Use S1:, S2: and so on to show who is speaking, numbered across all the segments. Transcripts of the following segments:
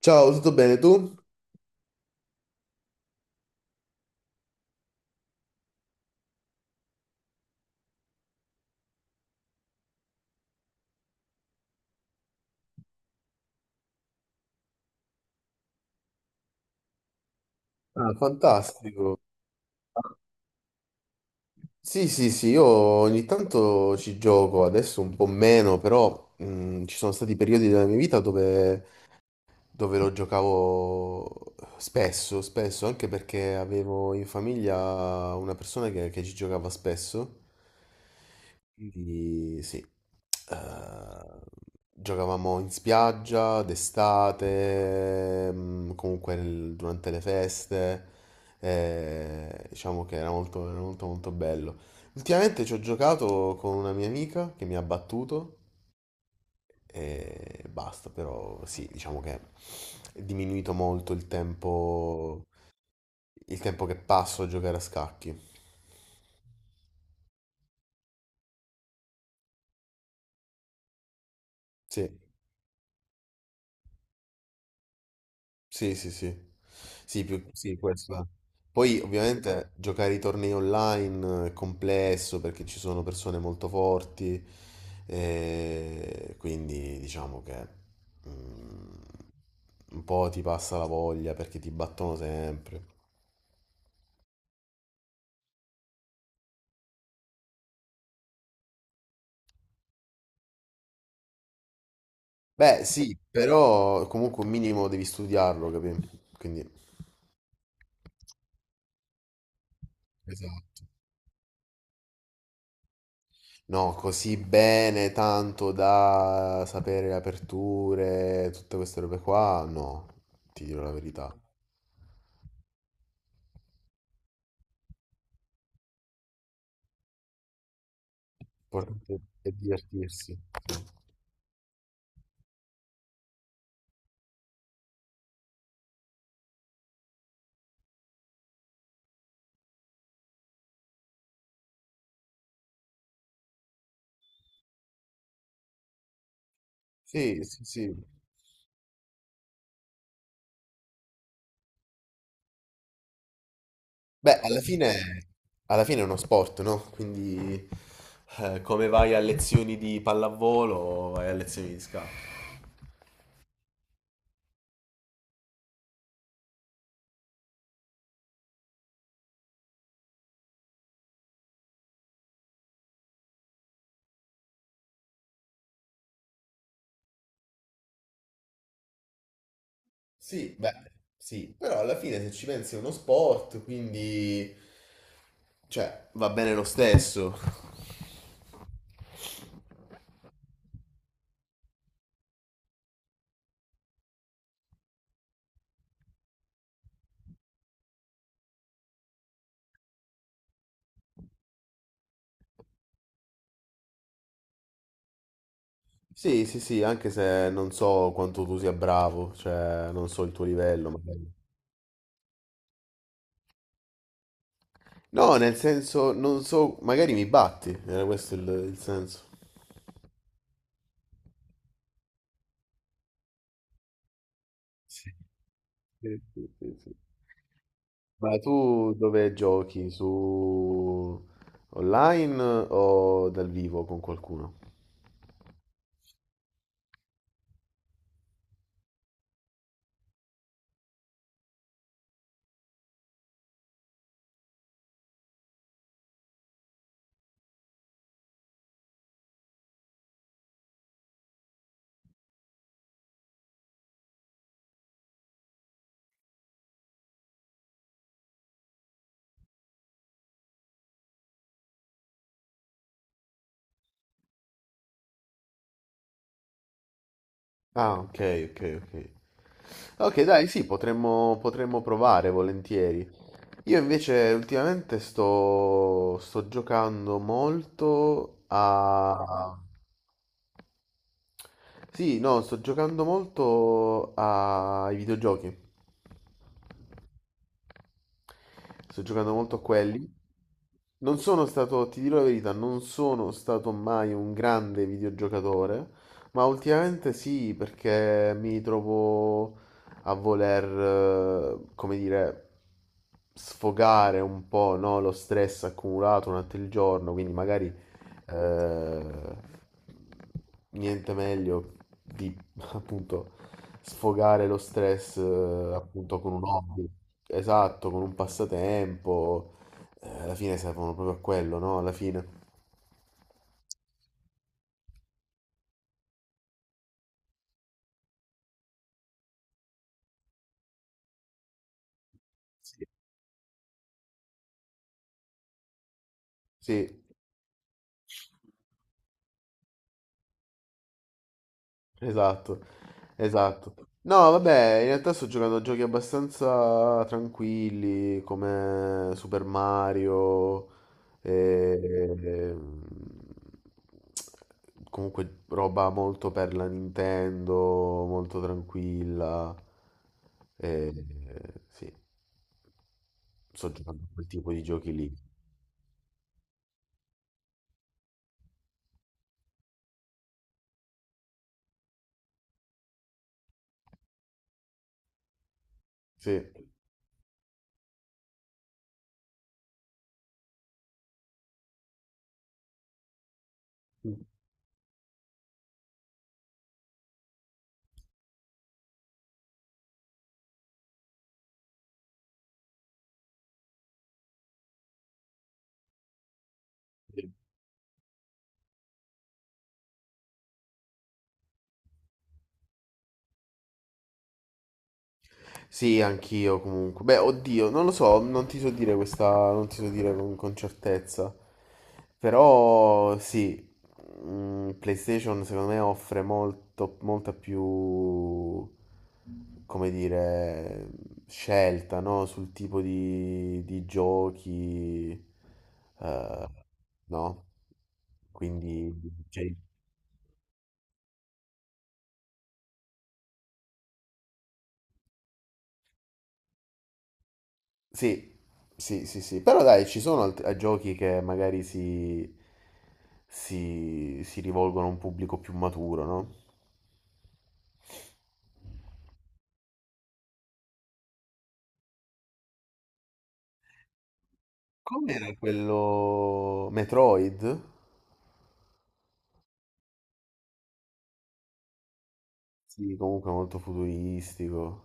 S1: Ciao, tutto bene tu? Ah, fantastico. Sì, sì, sì, io ogni tanto ci gioco, adesso un po' meno, però ci sono stati periodi della mia vita dove, dove lo giocavo spesso, spesso, anche perché avevo in famiglia una persona che ci giocava spesso. Quindi sì. Eh, Giocavamo in spiaggia d'estate, comunque durante le feste, diciamo che era molto molto bello. Ultimamente ci ho giocato con una mia amica che mi ha battuto e basta, però sì, diciamo che è diminuito molto il tempo che passo a giocare a scacchi. Sì. Sì, sì, sì. Sì, più, sì, questo. Poi ovviamente giocare i tornei online è complesso perché ci sono persone molto forti, e quindi diciamo che mm, un po' ti passa la voglia perché ti battono sempre. Beh, sì, però comunque un minimo devi studiarlo, capì? Quindi... Esatto. No, così bene, tanto da sapere le aperture, tutte queste robe qua, no, ti dirò la verità. L'importante è divertirsi. Sì, sì, sì, sì. Beh, alla fine è uno sport, no? Quindi, come vai a lezioni di pallavolo, vai a lezioni di scacchi. Sì, beh, sì, però alla fine se ci pensi è uno sport, quindi, cioè, va bene lo stesso. Sì, sì, sì, anche se non so quanto tu sia bravo, cioè non so il tuo livello, magari. No, nel senso, non so, magari mi batti, era questo il senso. Sì, sì, sì, sì, sì. Ma tu dove giochi? Su online o dal vivo con qualcuno? Ah, ok, ok, ok. Ok, dai, sì, potremmo, potremmo provare volentieri. Io invece ultimamente sto giocando molto a... Sì, no, sto giocando molto ai videogiochi. Sto giocando molto a quelli. Non sono stato, ti dirò la verità, non sono stato mai un grande videogiocatore, ma ultimamente sì, perché mi trovo a voler, come dire, sfogare un po', no, lo stress accumulato durante il giorno, quindi magari eh, niente meglio di appunto sfogare lo stress appunto con un hobby, esatto, con un passatempo. Alla fine servono proprio a quello, no? Alla fine. Sì. Sì. Esatto, esatto. No, vabbè, in realtà sto giocando a giochi abbastanza tranquilli come Super Mario, e- e- comunque roba molto per la Nintendo, molto tranquilla. E, sì, sto giocando a quel tipo di giochi lì. Sì. Sì, anch'io comunque. Beh, oddio, non lo so, non ti so dire questa, non ti so dire con certezza. Però sì, PlayStation secondo me offre molto, molta più, come dire, scelta, no? Sul tipo di giochi, eh, no? Quindi, cioè, sì, sì, sì, sì, però dai, ci sono giochi che magari si rivolgono a un pubblico più maturo, no? Com'era quello Metroid? Sì, comunque molto futuristico.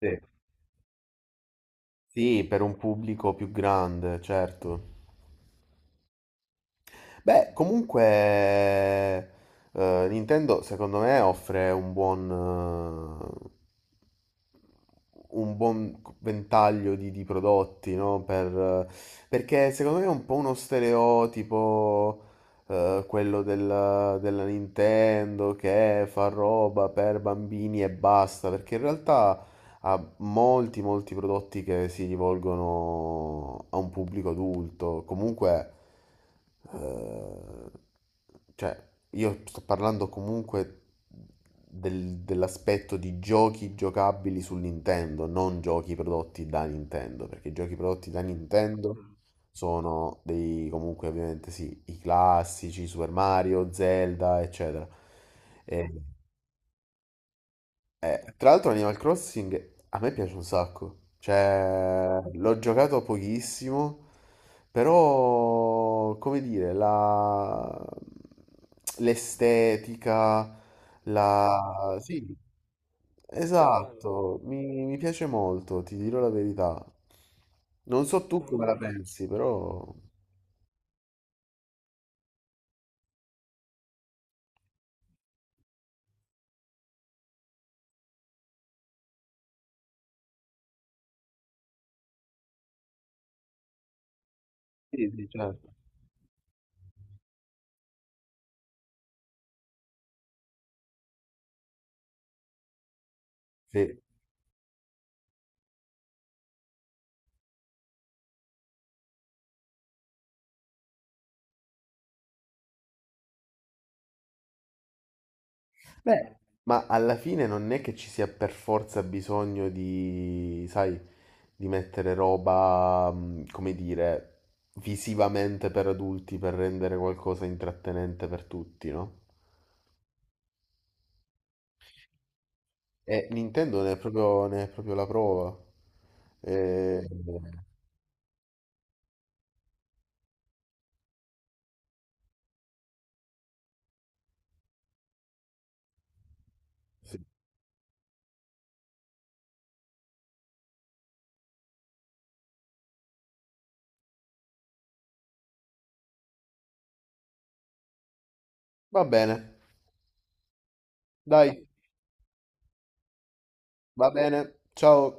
S1: Sì. Sì, per un pubblico più grande, certo. Beh, comunque Nintendo secondo me offre un buon ventaglio di prodotti, no? Perché secondo me è un po' uno stereotipo, quello della Nintendo che fa roba per bambini e basta, perché in realtà ha molti, molti prodotti che si rivolgono a un pubblico adulto. Comunque, eh, cioè, io sto parlando comunque dell'aspetto di giochi giocabili su Nintendo, non giochi prodotti da Nintendo, perché i giochi prodotti da Nintendo mm, sono dei comunque ovviamente sì, i classici Super Mario, Zelda, eccetera. E- tra l'altro Animal Crossing a me piace un sacco, cioè l'ho giocato pochissimo, però come dire, l'estetica, la... Sì, esatto, mi piace molto, ti dirò la verità. Non so tu come la pensi, però... Sì, sì, certo. Sì. Beh, ma alla fine non è che ci sia per forza bisogno di, sai di mettere roba, come dire, visivamente per adulti per rendere qualcosa intrattenente per tutti, no? E Nintendo ne è proprio la prova. E- sì. Va bene, dai, va bene, ciao.